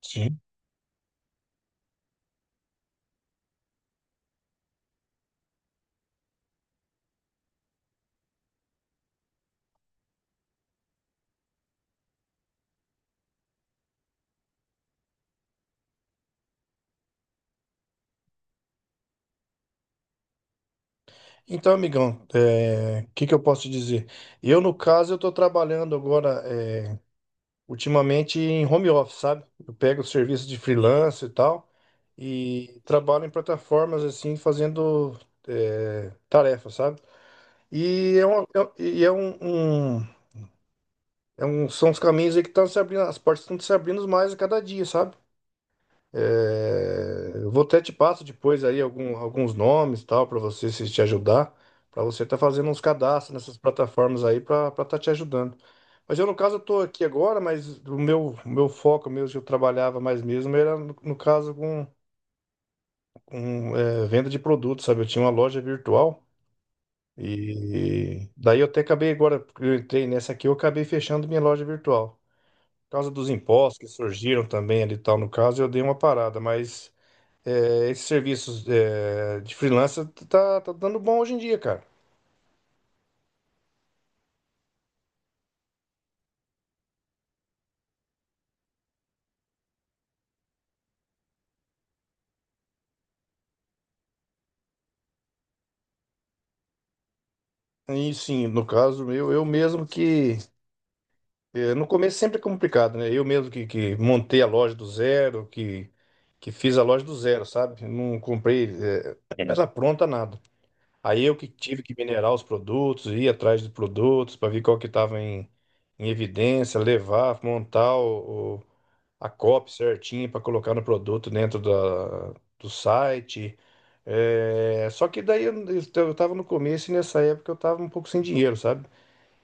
Sim. Então, amigão, o que que eu posso te dizer? Eu, no caso, eu estou trabalhando agora, é, em home office, sabe? Eu pego serviço de freelance e tal, e trabalho em plataformas, assim, fazendo tarefas, sabe? E é, uma, é, e é um, um- é um- São os caminhos aí que estão se abrindo, as portas estão se abrindo mais a cada dia, sabe? Eu vou até te passo depois aí alguns nomes tal para você se te ajudar, para você estar fazendo uns cadastros nessas plataformas aí para estar te ajudando. Mas eu no caso eu tô aqui agora, mas o meu foco mesmo que eu trabalhava mais mesmo era no caso com venda de produtos, sabe? Eu tinha uma loja virtual e daí eu até acabei agora porque eu entrei nessa aqui, eu acabei fechando minha loja virtual. Por causa dos impostos que surgiram também ali e tal no caso, eu dei uma parada, mas esses serviços de freelancer tá dando bom hoje em dia, cara. E sim, no caso, eu mesmo que. É, No começo sempre é complicado, né? Eu mesmo que montei a loja do zero, que fiz a loja do zero, sabe? Não comprei ela pronta, nada. Aí eu que tive que minerar os produtos, ir atrás de produtos para ver qual que estava em evidência, levar, montar a copy certinha para colocar no produto dentro do site. É, só que daí eu tava no começo e nessa época eu tava um pouco sem dinheiro, sabe?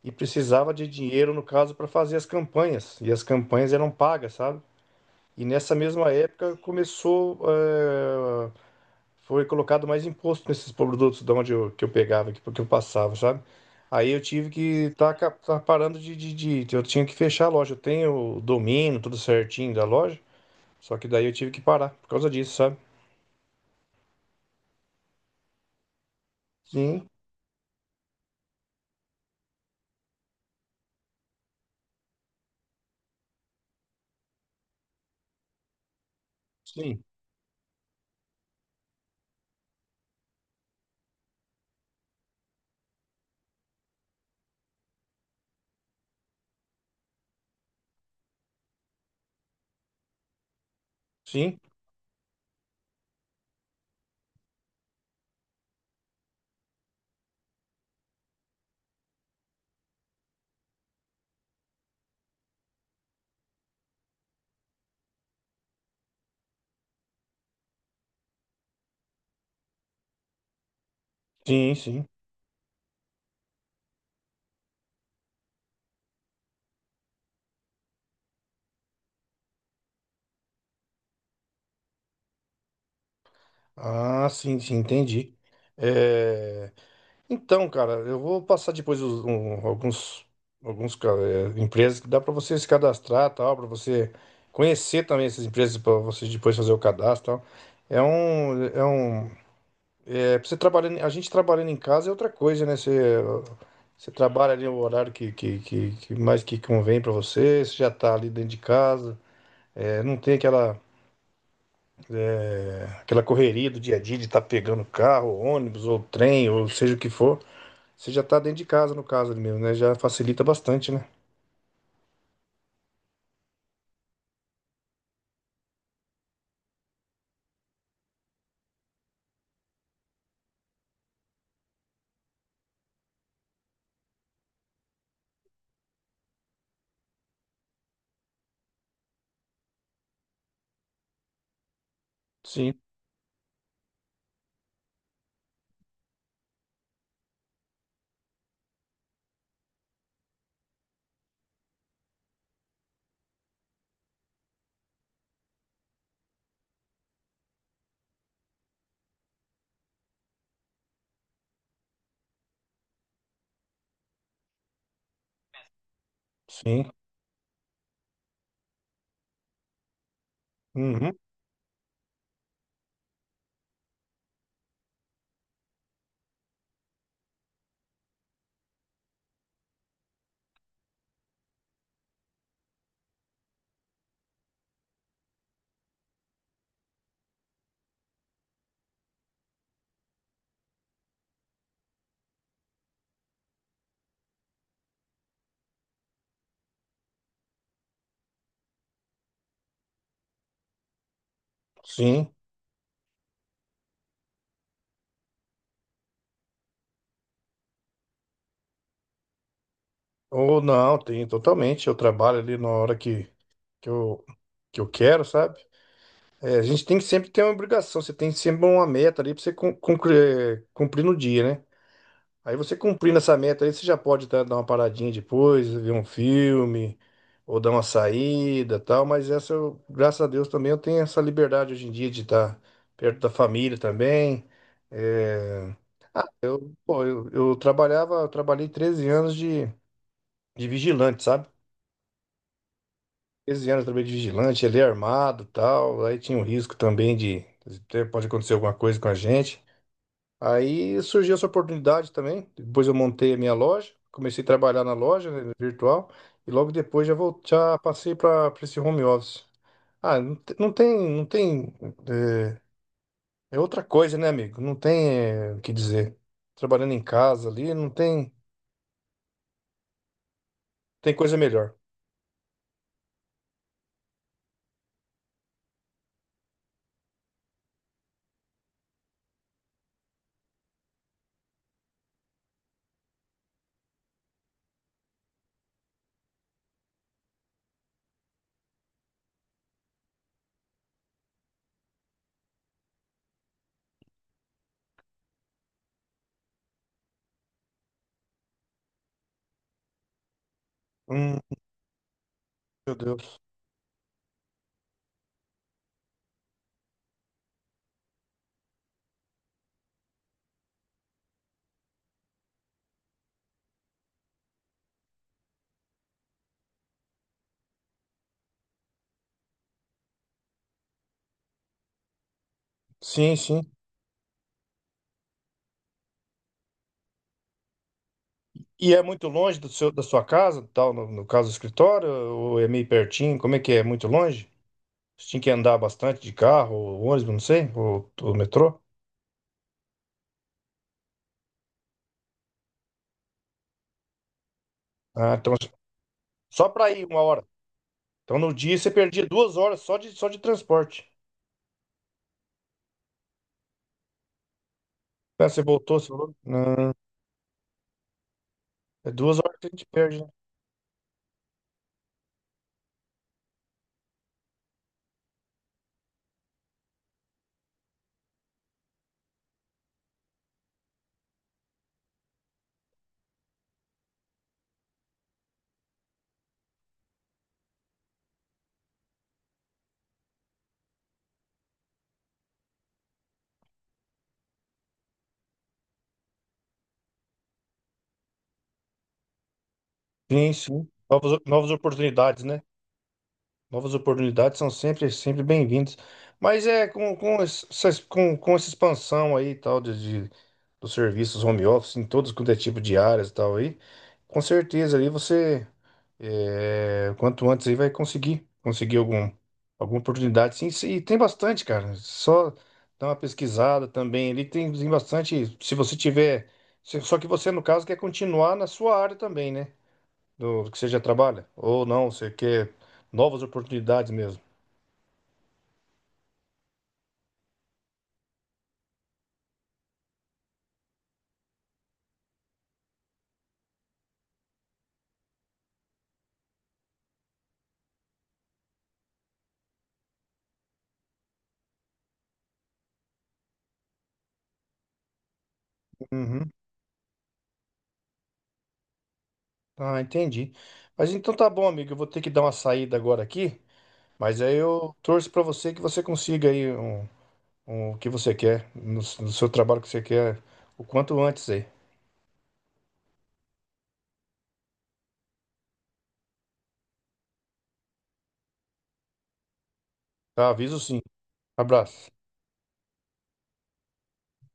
E precisava de dinheiro, no caso, para fazer as campanhas. E as campanhas eram pagas, sabe? E nessa mesma época começou, foi colocado mais imposto nesses produtos de onde que eu pegava, que eu passava, sabe? Aí eu tive que estar tá, ca- tá parando de- Eu tinha que fechar a loja. Eu tenho o domínio, tudo certinho da loja. Só que daí eu tive que parar por causa disso, sabe? Sim, sim, sim, sim, sim. Ah, sim, sim, entendi. É, Então, cara, eu vou passar depois alguns empresas que dá para você se cadastrar, tal, para você conhecer também essas empresas para você depois fazer o cadastro, tal. É um, é um, É pra você trabalhando, a gente trabalhando em casa é outra coisa, né? Você, você trabalha ali o horário que mais que convém para você, você já tá ali dentro de casa. É, não tem aquela, aquela correria do dia a dia de estar pegando carro, ônibus, ou trem, ou seja o que for. Você já está dentro de casa, no caso ali mesmo, né? Já facilita bastante, né? Sim, sim. Uhum, sim. Ou não, tem totalmente. Eu trabalho ali na hora que eu, que eu quero, sabe? É, a gente tem que sempre ter uma obrigação, você tem sempre uma meta ali para você cumprir, cumprir no dia, né? Aí você cumprindo essa meta aí, você já pode dar uma paradinha depois, ver um filme, ou dar uma saída, tal, mas graças a Deus também eu tenho essa liberdade hoje em dia de estar perto da família também. É, pô, eu trabalhava, eu trabalhei 13 anos de vigilante, sabe? 13 anos eu trabalhei de vigilante, ele é armado, tal, aí tinha um risco também pode acontecer alguma coisa com a gente. Aí surgiu essa oportunidade também. Depois eu montei a minha loja, comecei a trabalhar na loja, né, virtual, e logo depois já passei para esse home office. Ah, não tem, é, é outra coisa, né, amigo? Não tem, é, O que dizer. Trabalhando em casa ali, não tem, tem coisa melhor. Hum, meu Deus. Sim, sim. E é muito longe do seu, da sua casa, tal, no caso do escritório, ou é meio pertinho? Como é que é? É muito longe? Você tinha que andar bastante de carro, ou ônibus, não sei, ou metrô? Ah, então só para ir uma hora. Então no dia você perdia 2 horas só só de transporte. Ah, você voltou, você falou? Não, é 2 horas que a gente perde, né? Sim, sim. Novas, novas oportunidades, né? Novas oportunidades são sempre, sempre bem-vindas. Mas com essa expansão aí e tal dos serviços home office em todos quanto é tipo de áreas e tal aí, com certeza aí você... É, quanto antes aí vai conseguir algum, alguma oportunidade, sim, sim, e tem bastante, cara. Só dá uma pesquisada também. Tem bastante. Se você tiver, só que você no caso quer continuar na sua área também, né? Do que você já trabalha ou não, você quer novas oportunidades mesmo. Uhum. Ah, entendi. Mas então tá bom, amigo. Eu vou ter que dar uma saída agora aqui. Mas aí eu torço pra você que você consiga aí o que você quer no seu trabalho que você quer o quanto antes aí. Tá, aviso sim. Abraço.